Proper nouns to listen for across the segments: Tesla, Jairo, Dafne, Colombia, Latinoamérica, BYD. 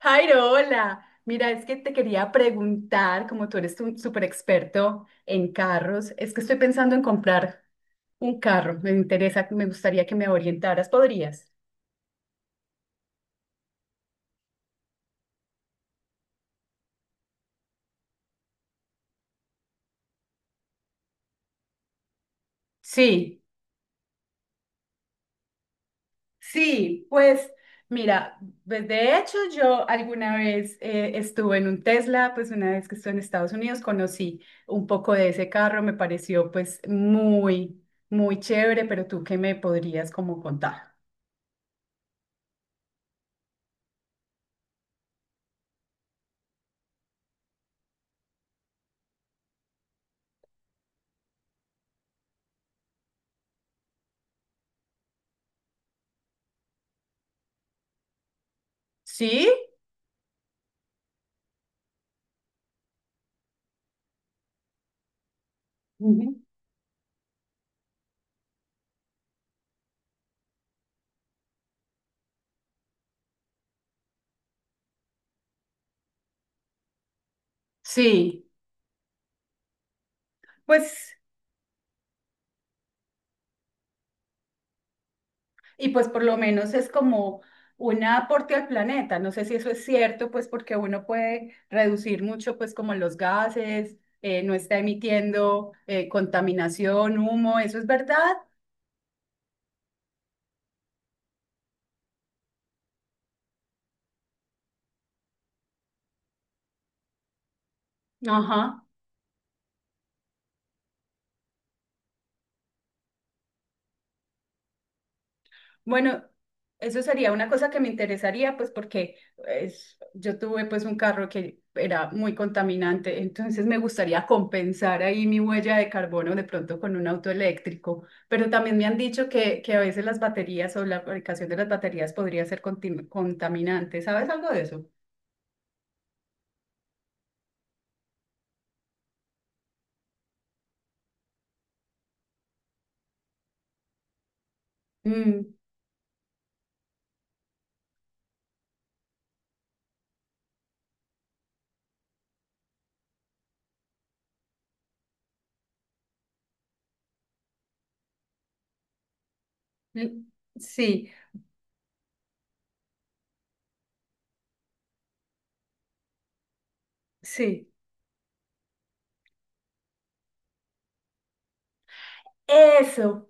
Jairo, hola. Mira, es que te quería preguntar, como tú eres un súper experto en carros, es que estoy pensando en comprar un carro. Me interesa, me gustaría que me orientaras. ¿Podrías? Sí. Sí, pues mira, pues, de hecho yo alguna vez estuve en un Tesla, pues una vez que estuve en Estados Unidos conocí un poco de ese carro, me pareció pues muy, muy chévere, pero tú qué me podrías como contar. ¿Sí? Ujú. Sí, pues. Y pues por lo menos es como un aporte al planeta. No sé si eso es cierto, pues porque uno puede reducir mucho, pues como los gases, no está emitiendo contaminación, humo, ¿eso es verdad? Ajá. Bueno, eso sería una cosa que me interesaría, pues porque yo tuve pues un carro que era muy contaminante, entonces me gustaría compensar ahí mi huella de carbono de pronto con un auto eléctrico, pero también me han dicho que a veces las baterías o la fabricación de las baterías podría ser contaminante. ¿Sabes algo de eso? Mm, mm, sí, sí. Eso.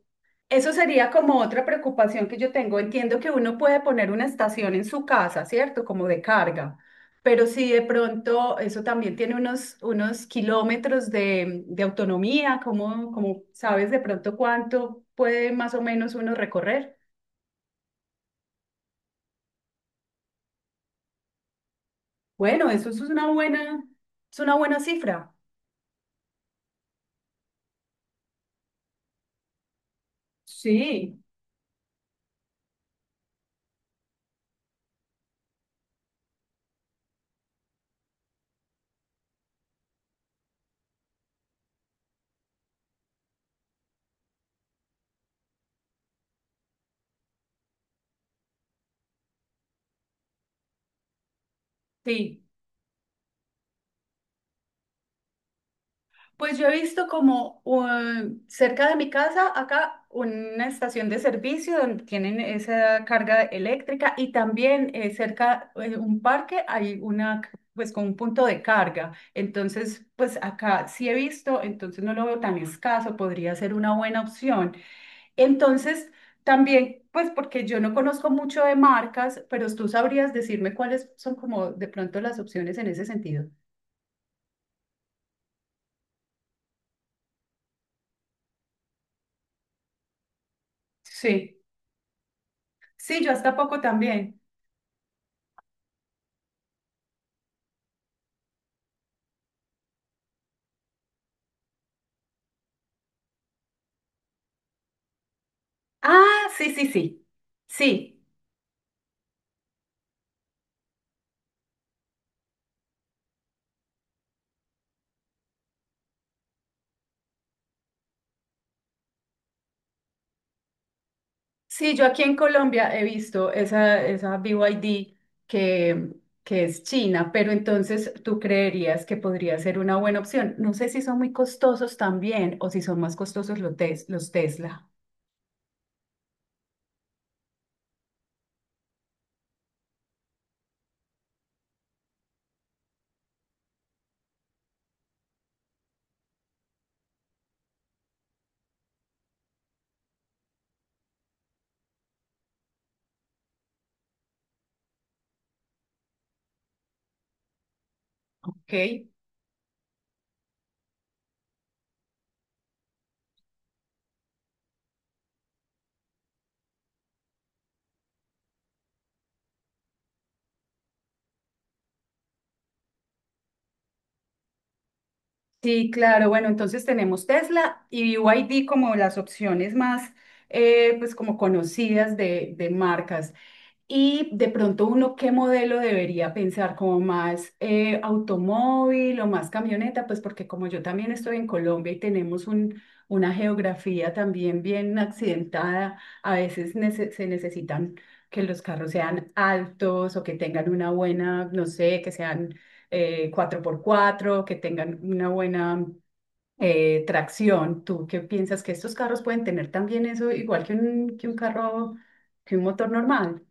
Eso sería como otra preocupación que yo tengo. Entiendo que uno puede poner una estación en su casa, ¿cierto? Como de carga, pero si de pronto eso también tiene unos kilómetros de autonomía, ¿cómo sabes de pronto cuánto puede más o menos uno recorrer? Bueno, eso es una buena cifra. Sí, sí. Pues yo he visto como cerca de mi casa, acá, una estación de servicio donde tienen esa carga eléctrica y también cerca de un parque hay una, pues con un punto de carga. Entonces, pues acá sí he visto, entonces no lo veo tan escaso, podría ser una buena opción. Entonces, también, pues porque yo no conozco mucho de marcas, pero tú sabrías decirme cuáles son como de pronto las opciones en ese sentido. Sí, sí, yo hasta poco también. Ah, sí, sí, sí. Sí, sí, yo aquí en Colombia he visto esa BYD que, que es China, pero entonces tú creerías que podría ser una buena opción. No sé si son muy costosos también o si son más costosos los Tesla. Ok. Sí, claro. Bueno, entonces tenemos Tesla y BYD como las opciones más, pues como conocidas de marcas. Y de pronto uno, ¿qué modelo debería pensar? ¿Como más automóvil o más camioneta? Pues porque como yo también estoy en Colombia y tenemos una geografía también bien accidentada, a veces se necesitan que los carros sean altos o que tengan una buena, no sé, que sean 4x4, que tengan una buena tracción. ¿Tú qué piensas que estos carros pueden tener también eso igual que un carro, que un motor normal?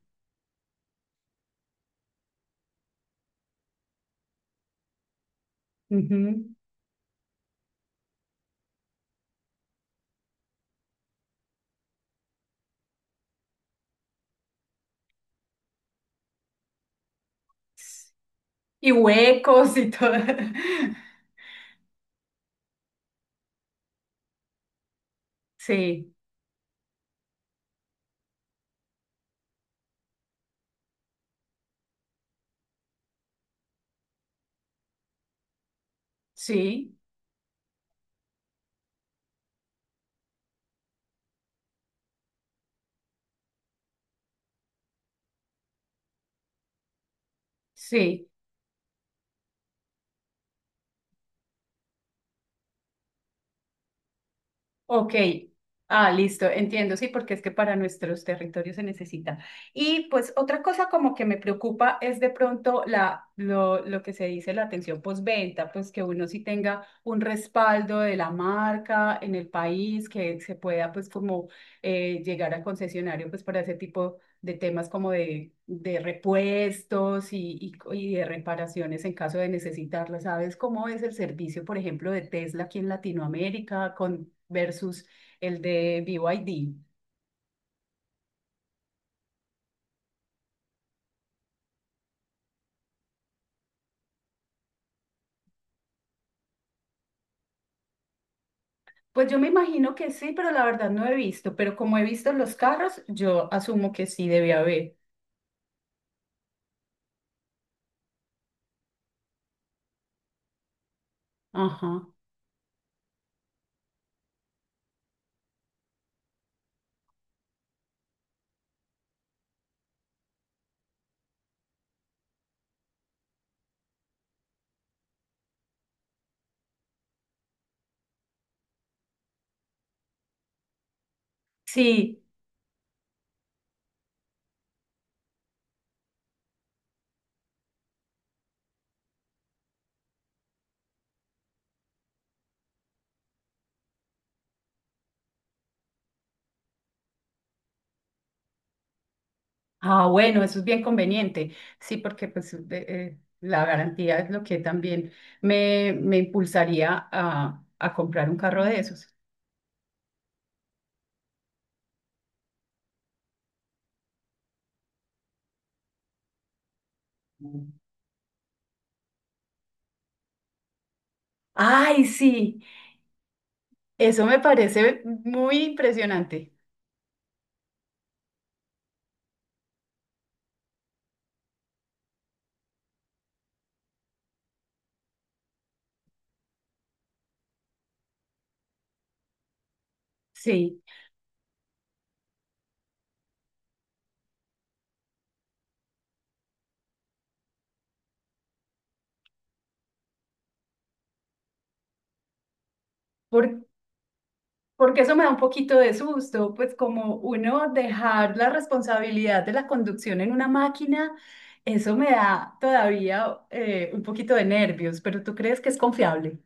Ujú. Y huecos y todo. Sí, sí, sí. Ok. Ah, listo, entiendo, sí, porque es que para nuestros territorios se necesita. Y pues otra cosa como que me preocupa es de pronto lo que se dice la atención postventa, pues que uno sí tenga un respaldo de la marca en el país, que se pueda pues como llegar al concesionario pues para ese tipo de temas como de repuestos y de reparaciones en caso de necesitarlas. ¿Sabes cómo es el servicio, por ejemplo, de Tesla aquí en Latinoamérica versus el de B Y D? Pues yo me imagino que sí, pero la verdad no he visto. Pero como he visto los carros, yo asumo que sí debe haber. Ajá. Sí. Ah, bueno, eso es bien conveniente. Sí, porque pues la garantía es lo que también me impulsaría a comprar un carro de esos. Ay, sí, eso me parece muy impresionante. Sí, por- porque eso me da un poquito de susto, pues como uno dejar la responsabilidad de la conducción en una máquina, eso me da todavía un poquito de nervios, pero ¿tú crees que es confiable?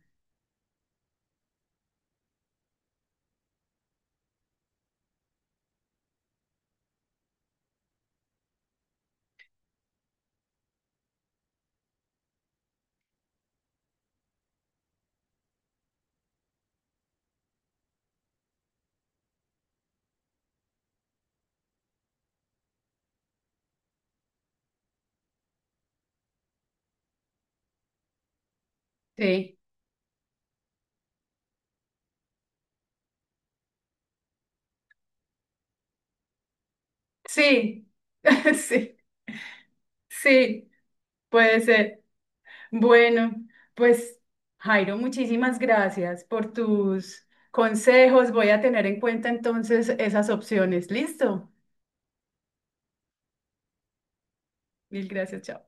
Sí, sí, sí, sí, puede ser. Bueno, pues Jairo, muchísimas gracias por tus consejos. Voy a tener en cuenta entonces esas opciones. Listo. Mil gracias, chao.